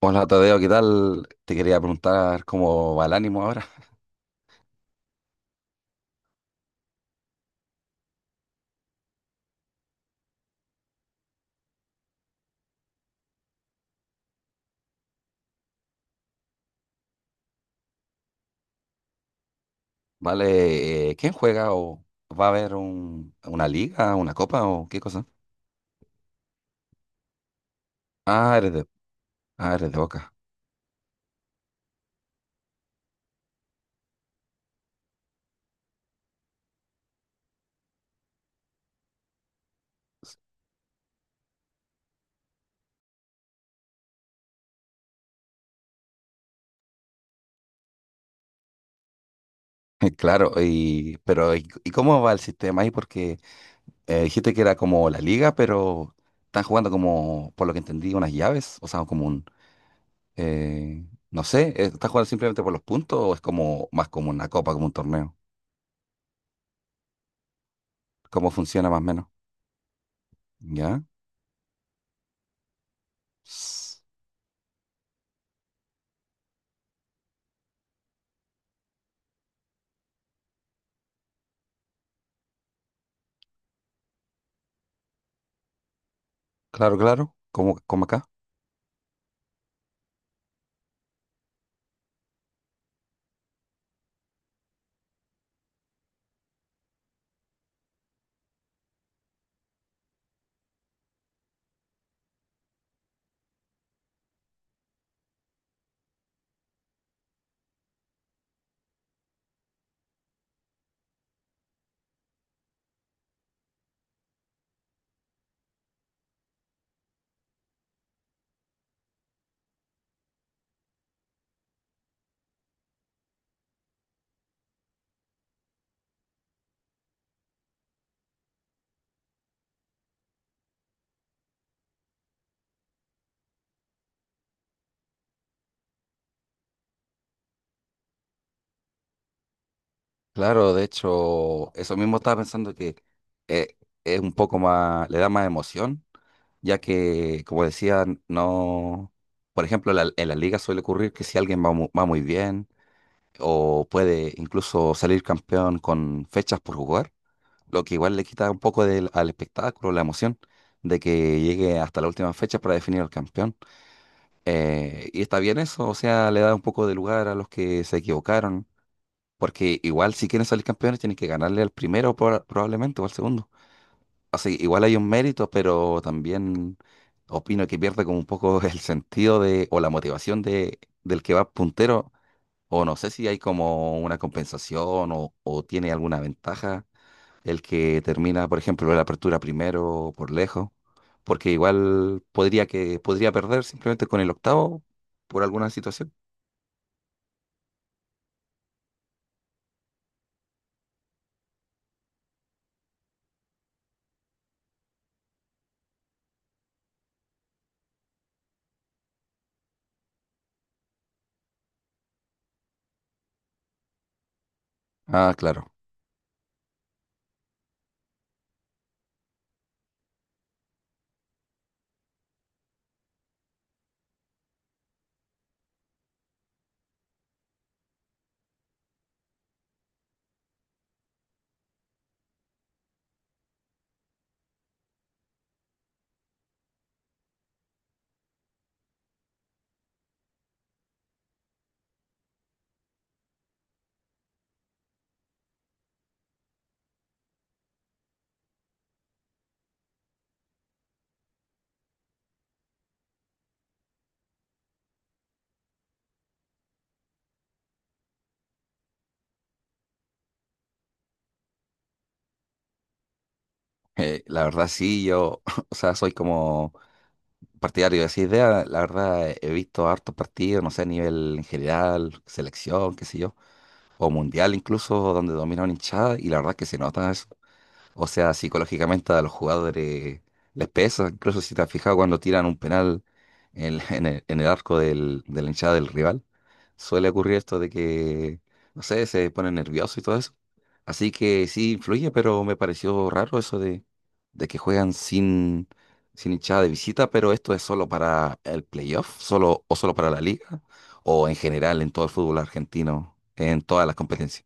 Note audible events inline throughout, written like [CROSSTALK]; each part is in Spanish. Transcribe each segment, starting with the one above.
Hola Tadeo, ¿qué tal? Te quería preguntar cómo va el ánimo ahora. ¿Vale? ¿Quién juega o va a haber una liga, una copa o qué cosa? Ah, eres de, ah, eres de Boca. [LAUGHS] Claro, pero y cómo va el sistema ahí? Porque dijiste que era como la liga, pero están jugando como, por lo que entendí, unas llaves, o sea, como eh, no sé, ¿están jugando simplemente por los puntos o es como más como una copa, como un torneo? ¿Cómo funciona más o menos? ¿Ya? Claro, claro, como, como acá. Claro, de hecho, eso mismo estaba pensando que eh, es un poco más, le da más emoción, ya que, como decía, no, por ejemplo, en la liga suele ocurrir que si alguien va, va muy bien o puede incluso salir campeón con fechas por jugar, lo que igual le quita un poco del, al espectáculo, la emoción de que llegue hasta la última fecha para definir al campeón. Y está bien eso, o sea, le da un poco de lugar a los que se equivocaron. Porque igual si quieren salir campeones tienen que ganarle al primero probablemente o al segundo. O sea, igual hay un mérito, pero también opino que pierde como un poco [LAUGHS] el sentido de, o la motivación de, del que va puntero. O no sé si hay como una compensación o tiene alguna ventaja el que termina, por ejemplo, la apertura primero por lejos. Porque igual podría perder simplemente con el octavo por alguna situación. Ah, claro. La verdad sí, yo, [LAUGHS] o sea, soy como partidario de esa idea, la verdad he visto hartos partidos, no sé, a nivel en general, selección, qué sé yo, o mundial incluso, donde domina una hinchada, y la verdad que se nota eso. O sea, psicológicamente a los jugadores les pesa. Incluso si te has fijado cuando tiran un penal [LAUGHS] en el arco del, de la hinchada del rival, suele ocurrir esto de que, no sé, se ponen nerviosos y todo eso. Así que sí influye, pero me pareció raro eso de que juegan sin hinchada de visita, pero esto es solo para el playoff, solo, o solo para la liga, o en general en todo el fútbol argentino, en todas las competencias.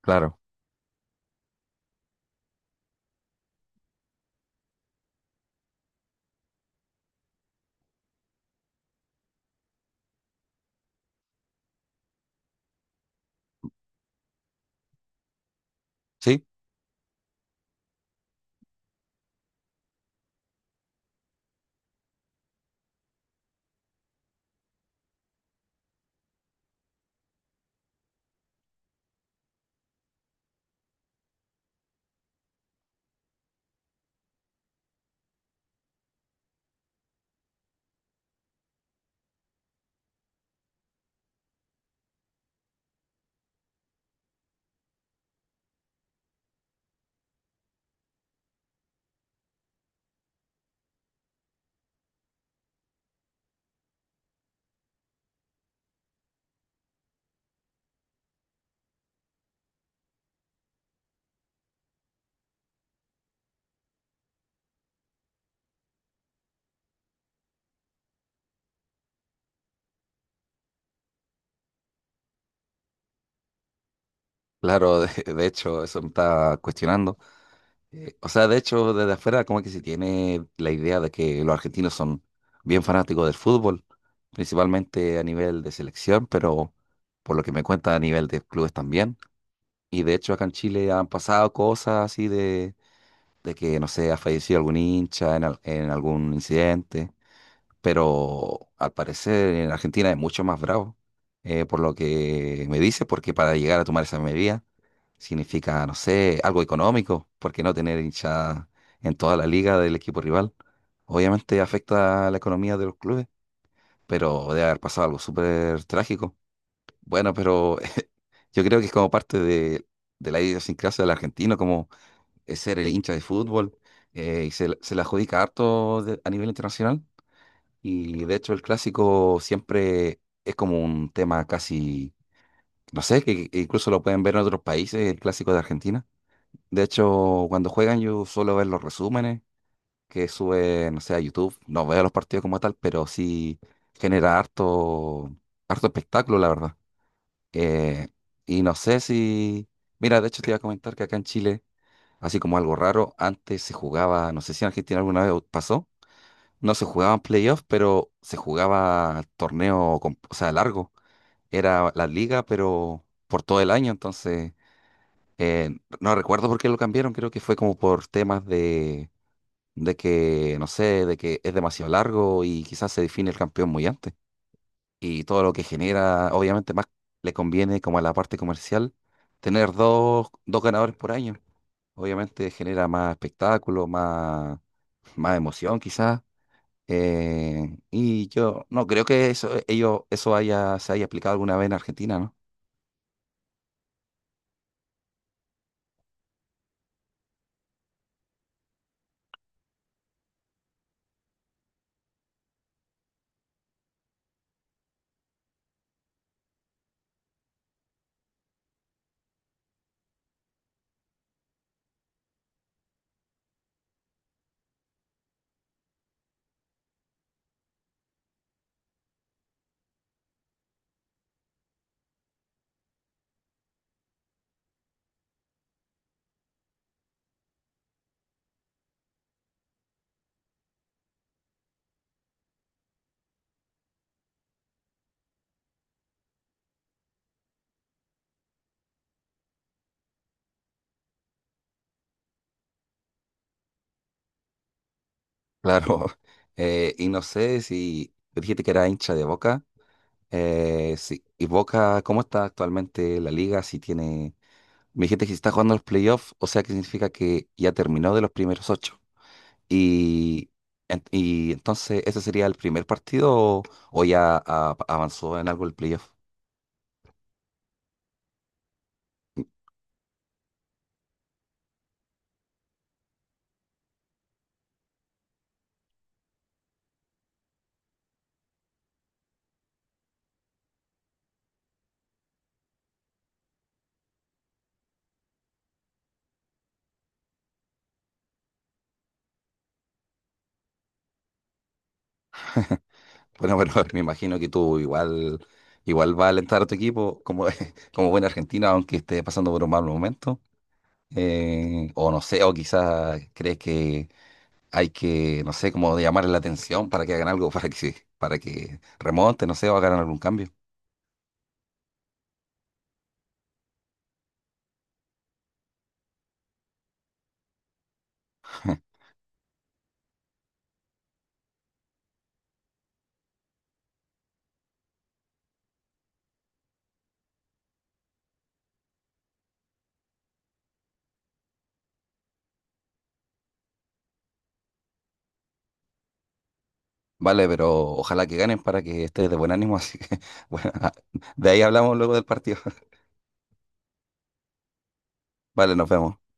Claro. ¿Sí? Claro, de hecho, eso me estaba cuestionando. O sea, de hecho, desde afuera como que se tiene la idea de que los argentinos son bien fanáticos del fútbol, principalmente a nivel de selección, pero por lo que me cuenta a nivel de clubes también. Y de hecho acá en Chile han pasado cosas así de que, no sé, ha fallecido algún hincha en, en algún incidente, pero al parecer en Argentina es mucho más bravo, por lo que me dice, porque para llegar a tomar esa medida significa, no sé, algo económico, porque no tener hinchada en toda la liga del equipo rival, obviamente afecta a la economía de los clubes, pero debe haber pasado algo súper trágico. Bueno, pero [LAUGHS] yo creo que es como parte de la idiosincrasia del argentino, como es ser el hincha de fútbol, y se, se la adjudica harto a nivel internacional, y de hecho el clásico siempre es como un tema casi, no sé, que incluso lo pueden ver en otros países, el clásico de Argentina. De hecho, cuando juegan yo suelo ver los resúmenes que sube, no sé, a YouTube. No veo los partidos como tal, pero sí genera harto, harto espectáculo, la verdad. Eh, y no sé si... Mira, de hecho te iba a comentar que acá en Chile, así como algo raro, antes se jugaba, no sé si en Argentina alguna vez pasó, no se jugaban playoffs, pero se jugaba torneo, o sea, largo. Era la liga, pero por todo el año. Entonces, no recuerdo por qué lo cambiaron. Creo que fue como por temas de que, no sé, de que es demasiado largo y quizás se define el campeón muy antes. Y todo lo que genera, obviamente, más le conviene como a la parte comercial tener dos ganadores por año. Obviamente genera más espectáculo, más, más emoción quizás. Y yo no creo que eso, ellos, eso haya, se haya aplicado alguna vez en Argentina, ¿no? Claro. [LAUGHS] Y no sé si tú dijiste que era hincha de Boca. Eh, sí. ¿Y Boca, cómo está actualmente la liga? Si tiene. Me dijiste que si está jugando los playoffs, o sea que significa que ya terminó de los primeros ocho. Y, y entonces, ¿ese sería el primer partido o ya avanzó en algo el playoff? Bueno, bueno, [LAUGHS] me imagino que tú igual, igual vas a alentar a tu equipo como, [LAUGHS] como buen argentino, aunque esté pasando por un mal momento. O no sé, o quizás crees que hay que, no sé, como llamar la atención para que hagan algo, [LAUGHS] para que, para que remonte, no sé, o hagan algún cambio. Vale, pero ojalá que ganen para que estés de buen ánimo. Así que, [LAUGHS] bueno, de ahí hablamos luego del partido. [LAUGHS] Vale, nos vemos.